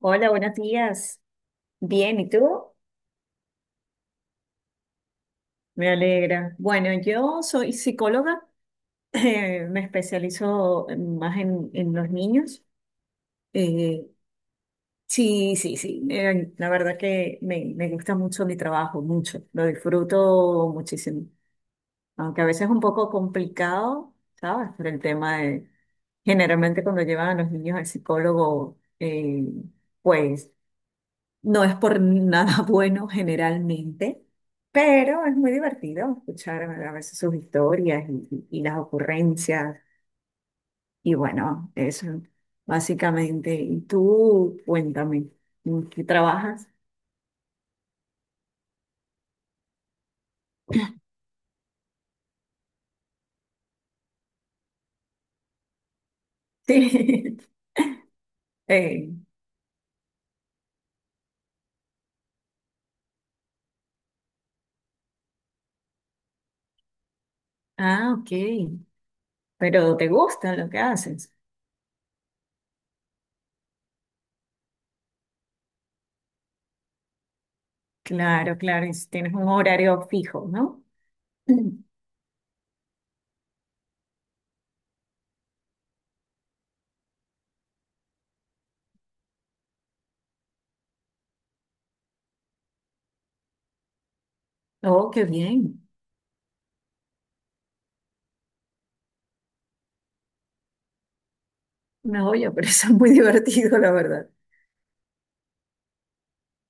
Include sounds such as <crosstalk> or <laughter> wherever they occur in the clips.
Hola, buenos días. Bien, ¿y tú? Me alegra. Bueno, yo soy psicóloga, <laughs> me especializo más en los niños. Eh, sí, sí, sí. La verdad que me gusta mucho mi trabajo, mucho. Lo disfruto muchísimo. Aunque a veces es un poco complicado, ¿sabes? Por el tema de, generalmente cuando llevan a los niños al psicólogo, pues no es por nada, <laughs> bueno, generalmente, pero es muy divertido escuchar a veces sus historias y las ocurrencias. Y bueno, eso básicamente. Y tú, cuéntame, ¿en qué trabajas? <laughs> Sí. Eh, ah, ok. Pero te gusta lo que haces. Claro, claro. Y si tienes un horario fijo, ¿no? <clears throat> Oh, qué bien. No, oye, pero eso es muy <laughs> divertido, la verdad.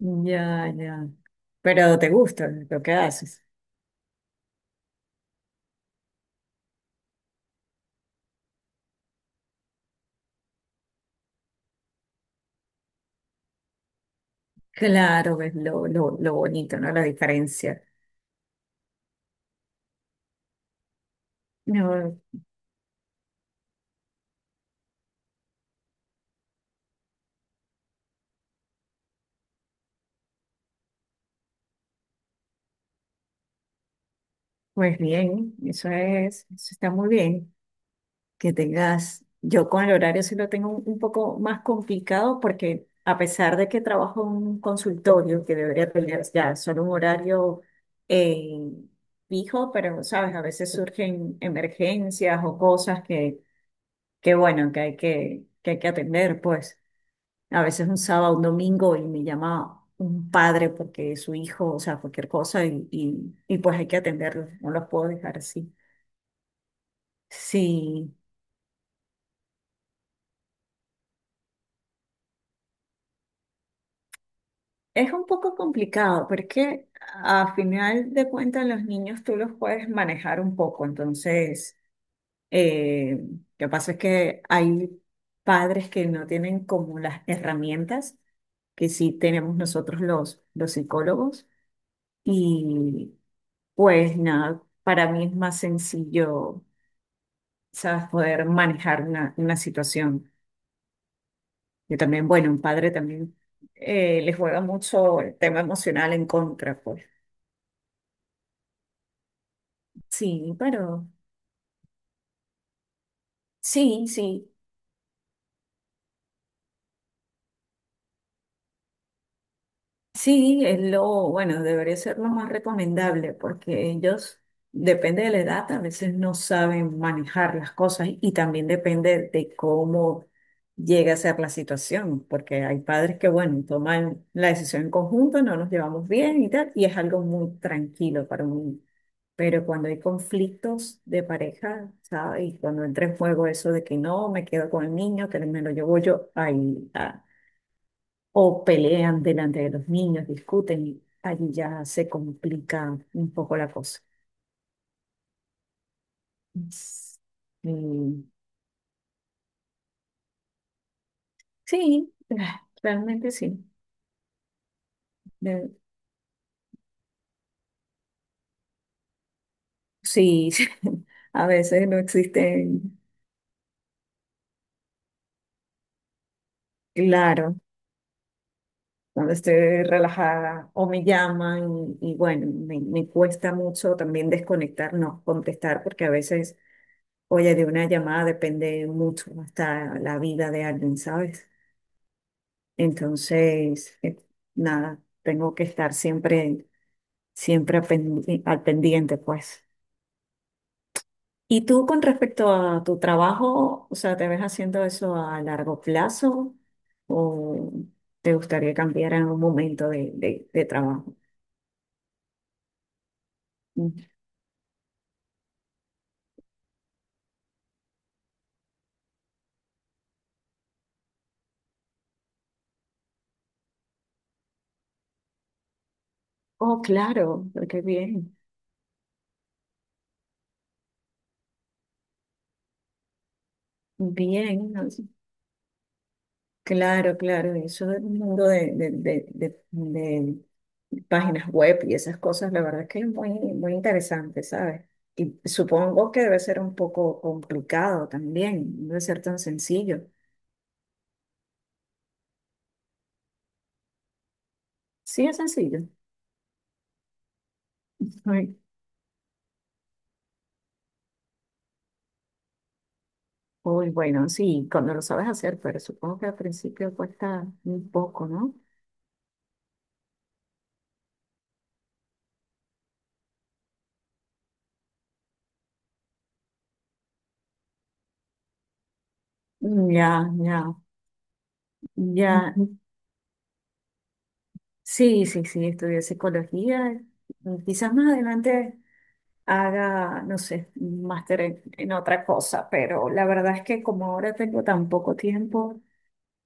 Ya, ya. Pero te gusta lo que haces. Claro, ves lo bonito, ¿no? La diferencia. No, pues bien, eso es, eso está muy bien. Que tengas, yo con el horario sí lo tengo un poco más complicado porque a pesar de que trabajo en un consultorio que debería tener ya solo un horario eh, fijo, pero sabes, a veces surgen emergencias o cosas que bueno, que hay que atender, pues. A veces un sábado, un domingo y me llama un padre porque su hijo, o sea, cualquier cosa y pues hay que atenderlos, no los puedo dejar así. Sí, es un poco complicado, pero es que a final de cuentas los niños tú los puedes manejar un poco, entonces lo que pasa es que hay padres que no tienen como las herramientas que sí tenemos nosotros los psicólogos. Y pues nada, para mí es más sencillo, sabes, poder manejar una situación. Yo también, bueno, un padre también le juega mucho el tema emocional en contra, pues. Sí, pero sí, sí. Sí, es lo, bueno, debería ser lo más recomendable porque ellos, depende de la edad, a veces no saben manejar las cosas y también depende de cómo llega a ser la situación, porque hay padres que, bueno, toman la decisión en conjunto, no nos llevamos bien y tal, y es algo muy tranquilo para un niño. Pero cuando hay conflictos de pareja, ¿sabes? Y cuando entra en juego eso de que no, me quedo con el niño, que me lo llevo yo, ahí, o pelean delante de los niños, discuten y allí ya se complica un poco la cosa. Es- mm, sí, ah, realmente sí. De- sí, <laughs> a veces no existen, claro, cuando estoy relajada o me llaman y bueno, me cuesta mucho también desconectar, no contestar, porque a veces, oye, de una llamada depende mucho hasta la vida de alguien, ¿sabes? Entonces, nada, tengo que estar siempre, siempre al pendi- al pendiente, pues. ¿Y tú con respecto a tu trabajo, o sea, te ves haciendo eso a largo plazo o te gustaría cambiar en algún momento de trabajo? Mm. Oh, claro, qué bien, bien. Claro, claro, y eso del mundo de páginas web y esas cosas, la verdad es que es muy, muy interesante, ¿sabes? Y supongo que debe ser un poco complicado también, no debe ser tan sencillo. Sí, es sencillo. Uy, uy, bueno, sí, cuando lo sabes hacer, pero supongo que al principio cuesta un poco, ¿no? Ya, ya, ya. Ujú. Sí, sí, sí, estudié psicología. Quizás más adelante haga, no sé, un máster en otra cosa, pero la verdad es que como ahora tengo tan poco tiempo,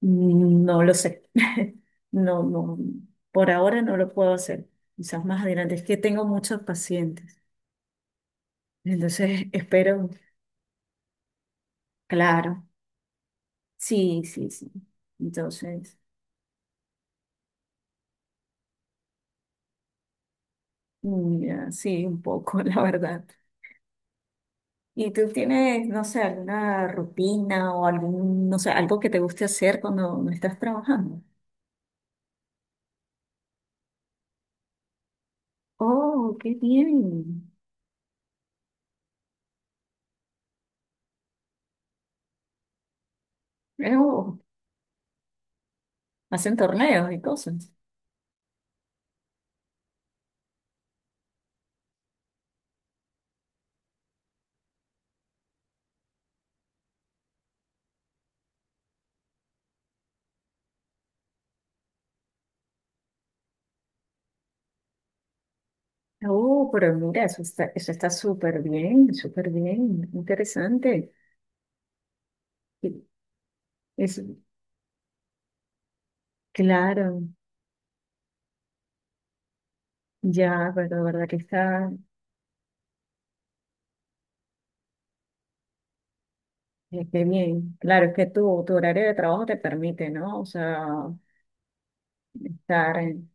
no lo sé. <laughs> No, no, por ahora no lo puedo hacer. Quizás más adelante, es que tengo muchos pacientes. Entonces, <laughs> espero, claro. Sí, sí, sí. Entonces, ya, sí, un poco, <laughs> la verdad. ¿Y tú tienes, no sé, alguna rutina o algún, no sé, algo que te guste hacer cuando no estás trabajando? Oh, qué bien. Uh, hacen torneos y cosas. Oh, pero mira, eso está súper bien, interesante. Y- es, claro, ya, pero de verdad que está, qué bien. Claro, es que tu horario de trabajo te permite, ¿no? O sea, estar, en-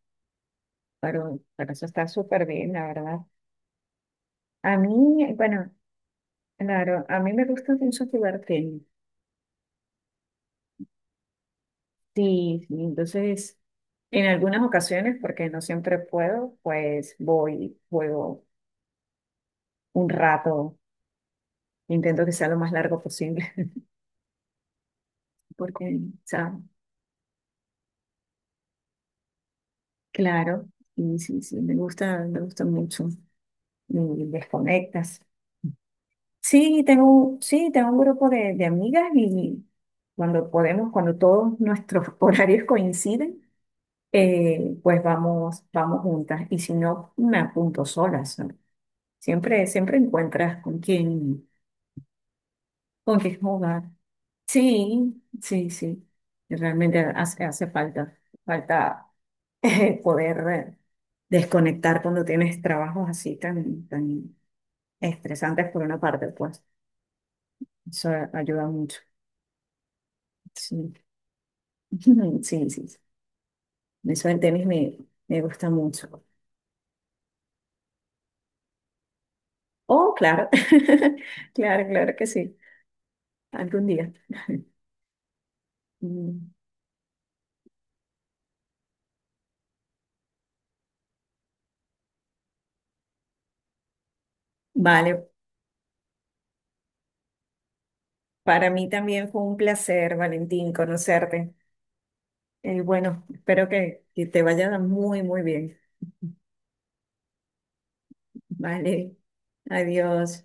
pero eso está súper bien, la verdad. A mí, bueno, claro, a mí me gusta mucho jugar tenis. Sí, sí, entonces, en algunas ocasiones, porque no siempre puedo, pues voy, juego un rato. Intento que sea lo más largo posible, <laughs> porque, o sea, claro, y sí, sí, me gusta mucho. Y desconectas. Sí, tengo un grupo de amigas y cuando podemos, cuando todos nuestros <laughs> horarios coinciden, pues vamos, vamos juntas. Y si no, me apunto solas. ¿No? Siempre, siempre encuentras con quién jugar. Sí, sí, sí. Realmente hace, hace falta, falta <laughs> poder desconectar cuando tienes trabajos así tan, tan estresantes por una parte, pues eso ayuda mucho. Sí, <laughs> sí, sí, sí. Eso del tenis me gusta mucho. Oh, claro, <laughs> claro, claro que sí, algún día. <laughs> Mm, vale, para mí también fue un placer, Valentín, conocerte. Bueno, espero que te vaya muy, muy bien. Vale, adiós.